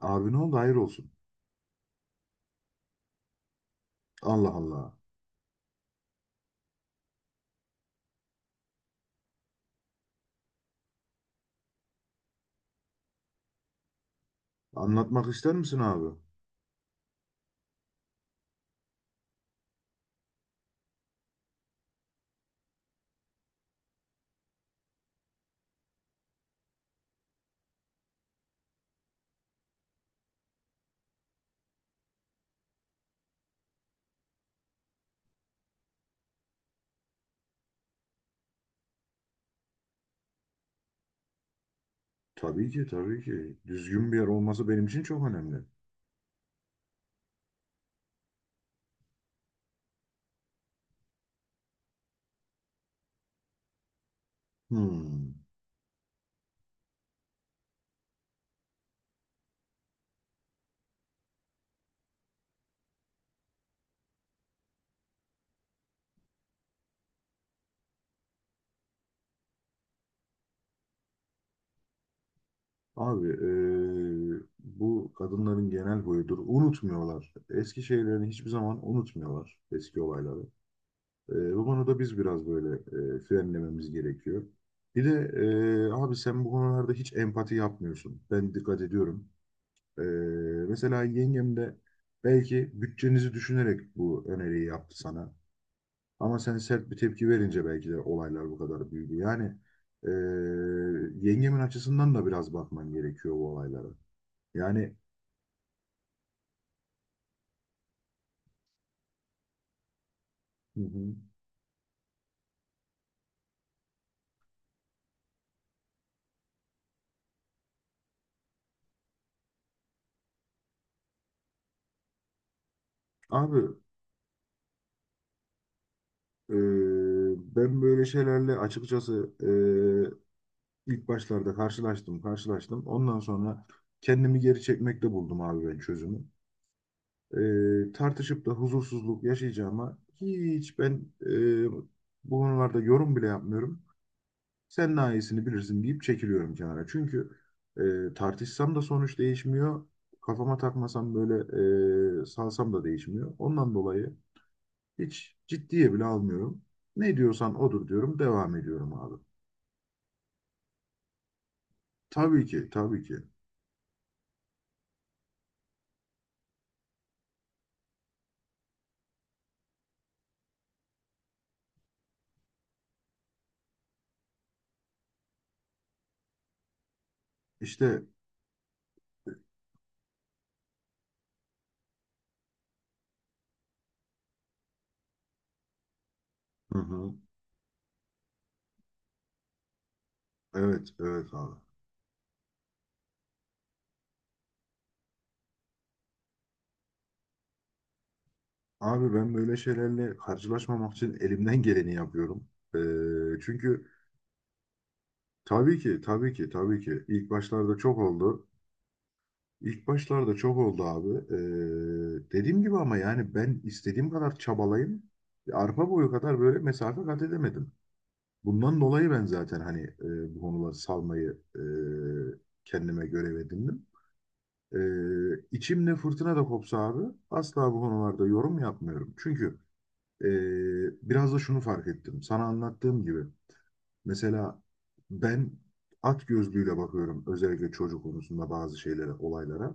Abi ne oldu? Hayır olsun. Allah Allah. Anlatmak ister misin abi? Tabii ki, tabii ki. Düzgün bir yer olması benim için çok önemli. Hmm. Abi, bu kadınların genel huyudur. Unutmuyorlar. Eski şeylerini hiçbir zaman unutmuyorlar. Eski olayları. Bu konuda biz biraz böyle frenlememiz gerekiyor. Bir de abi sen bu konularda hiç empati yapmıyorsun. Ben dikkat ediyorum. Ee, mesela yengem de belki bütçenizi düşünerek bu öneriyi yaptı sana. Ama sen sert bir tepki verince belki de olaylar bu kadar büyüdü. Ee, yengemin açısından da biraz bakman gerekiyor bu olaylara. Yani, hı hı. Abi ee, ben böyle şeylerle açıkçası ee, ilk başlarda karşılaştım. Ondan sonra kendimi geri çekmekte buldum abi ben çözümü. Tartışıp da huzursuzluk yaşayacağıma hiç ben e, bu konularda yorum bile yapmıyorum. Sen daha iyisini bilirsin deyip çekiliyorum kenara. Çünkü tartışsam da sonuç değişmiyor. Kafama takmasam böyle, salsam da değişmiyor. Ondan dolayı hiç ciddiye bile almıyorum. Ne diyorsan odur diyorum, devam ediyorum abi. Tabii ki, tabii ki. İşte, hı hı, evet, evet abi. Abi, ben böyle şeylerle karşılaşmamak için elimden geleni yapıyorum. Çünkü tabii ki, tabii ki, tabii ki ilk başlarda çok oldu. İlk başlarda çok oldu abi. Dediğim gibi ama yani ben istediğim kadar çabalayayım. Arpa boyu kadar böyle mesafe kat edemedim. Bundan dolayı ben zaten hani bu konuları salmayı kendime görev edindim. İçimde fırtına da kopsa abi asla bu konularda yorum yapmıyorum. Çünkü Ee, biraz da şunu fark ettim. Sana anlattığım gibi mesela ben at gözlüğüyle bakıyorum özellikle çocuk konusunda bazı şeylere, olaylara.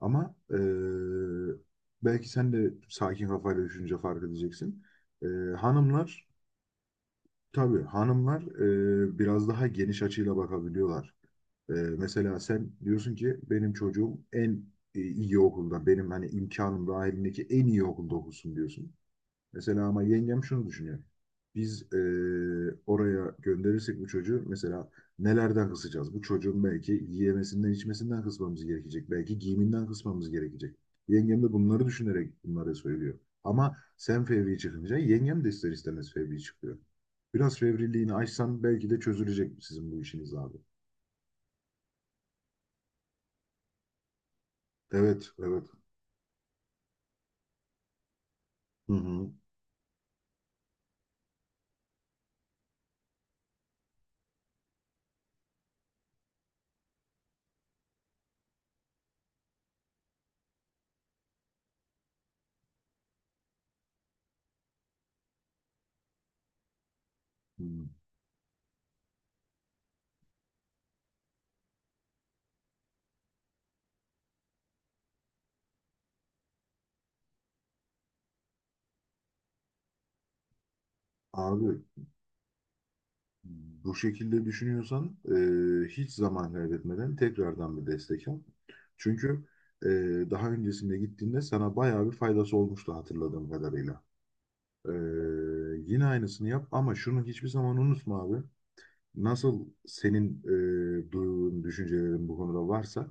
Ama belki sen de sakin kafayla düşünce fark edeceksin. Ee, Hanımlar, tabii hanımlar, biraz daha geniş açıyla bakabiliyorlar. Mesela sen diyorsun ki benim çocuğum en iyi okulda, benim hani imkanım dahilindeki en iyi okulda okusun diyorsun. Mesela ama yengem şunu düşünüyor. Biz oraya gönderirsek bu çocuğu mesela nelerden kısacağız? Bu çocuğun belki yiyemesinden, içmesinden kısmamız gerekecek. Belki giyiminden kısmamız gerekecek. Yengem de bunları düşünerek bunları söylüyor. Ama sen fevri çıkınca yengem de ister istemez fevri çıkıyor. Biraz fevriliğini aşsan belki de çözülecek sizin bu işiniz abi. Evet, evet. Hı hı. Hı. Abi, bu şekilde düşünüyorsan, hiç zaman kaybetmeden tekrardan bir destek al. Çünkü e, daha öncesinde gittiğinde sana bayağı bir faydası olmuştu hatırladığım kadarıyla. E, yine aynısını yap ama şunu hiçbir zaman unutma abi, nasıl senin duyduğun düşüncelerin bu konuda varsa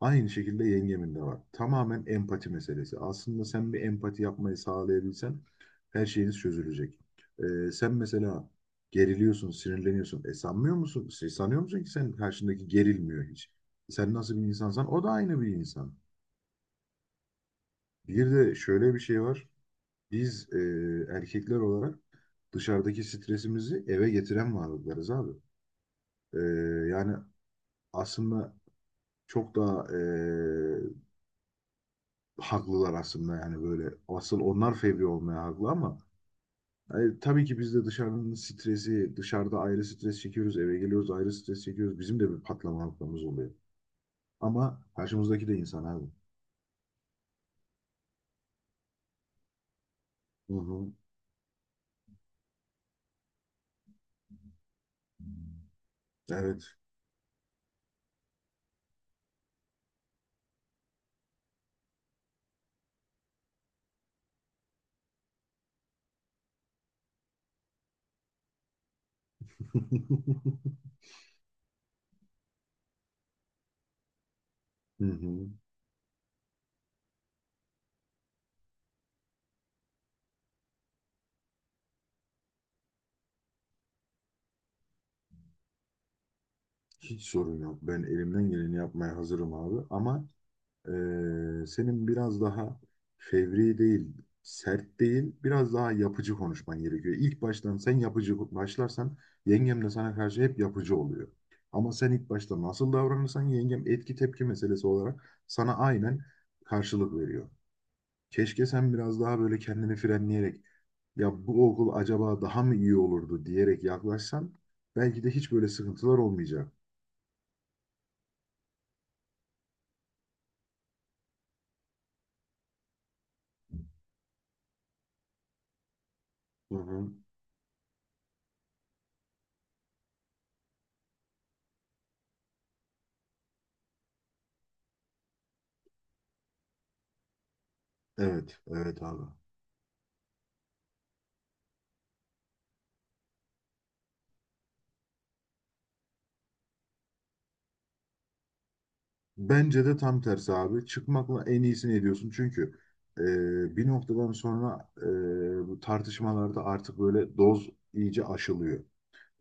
aynı şekilde yengemin de var. Tamamen empati meselesi. Aslında sen bir empati yapmayı sağlayabilsen her şeyiniz çözülecek. E, sen mesela geriliyorsun, sinirleniyorsun. E sanmıyor musun? Şey, sanıyor musun ki sen karşındaki gerilmiyor hiç? Sen nasıl bir insansan o da aynı bir insan. Bir de şöyle bir şey var. Biz, erkekler olarak dışarıdaki stresimizi eve getiren varlıklarız abi. E, Yani aslında çok daha haklılar aslında yani böyle asıl onlar fevri olmaya haklı ama yani tabii ki biz de dışarının stresi dışarıda ayrı stres çekiyoruz eve geliyoruz ayrı stres çekiyoruz bizim de bir patlama noktamız oluyor ama karşımızdaki de insan abi. Hı hı. Evet. Hı hı. Hiç sorun yok. Ben elimden geleni yapmaya hazırım abi. Ama senin biraz daha fevri değil, sert değil, biraz daha yapıcı konuşman gerekiyor. İlk baştan sen yapıcı başlarsan yengem de sana karşı hep yapıcı oluyor. Ama sen ilk başta nasıl davranırsan yengem etki tepki meselesi olarak sana aynen karşılık veriyor. Keşke sen biraz daha böyle kendini frenleyerek ya bu okul acaba daha mı iyi olurdu diyerek yaklaşsan belki de hiç böyle sıkıntılar olmayacak. Hı hı. Evet, evet abi. Bence de tam tersi abi. Çıkmakla en iyisini ediyorsun. Çünkü bir noktadan sonra bu tartışmalarda artık böyle doz iyice aşılıyor.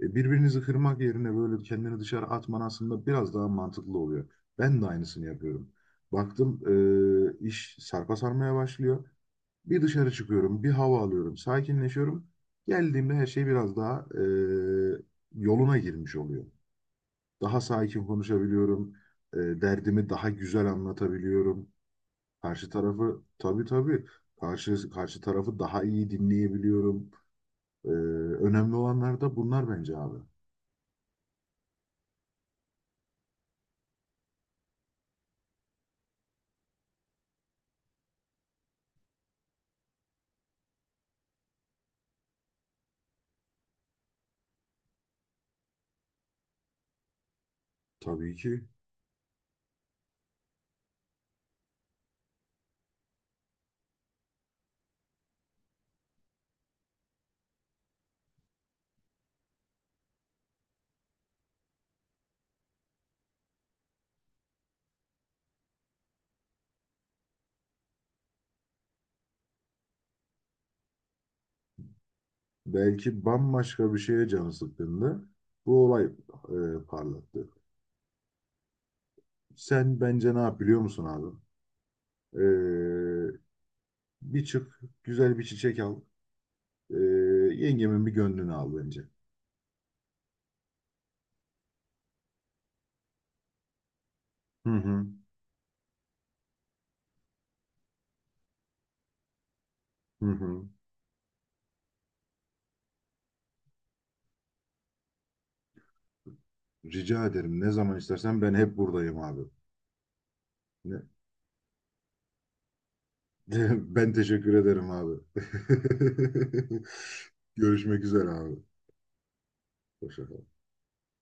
Birbirinizi kırmak yerine böyle kendini dışarı atman aslında biraz daha mantıklı oluyor. Ben de aynısını yapıyorum. Baktım, iş sarpa sarmaya başlıyor. Bir dışarı çıkıyorum, bir hava alıyorum, sakinleşiyorum. Geldiğimde her şey biraz daha yoluna girmiş oluyor. Daha sakin konuşabiliyorum. Derdimi daha güzel anlatabiliyorum. Karşı tarafı, tabii tabii, karşı tarafı daha iyi dinleyebiliyorum. E, Önemli olanlar da bunlar bence abi. Tabii ki belki bambaşka bir şeye canı sıkkındı. Bu olay parlattı. Sen bence ne yap biliyor musun abi? E, Bir çık güzel bir çiçek al. E, Yengemin bir gönlünü al bence. Hı hı. Hı hı. Rica ederim. Ne zaman istersen ben hep buradayım abi. Ne- Ben teşekkür ederim abi. Görüşmek üzere abi. Hoşça kal.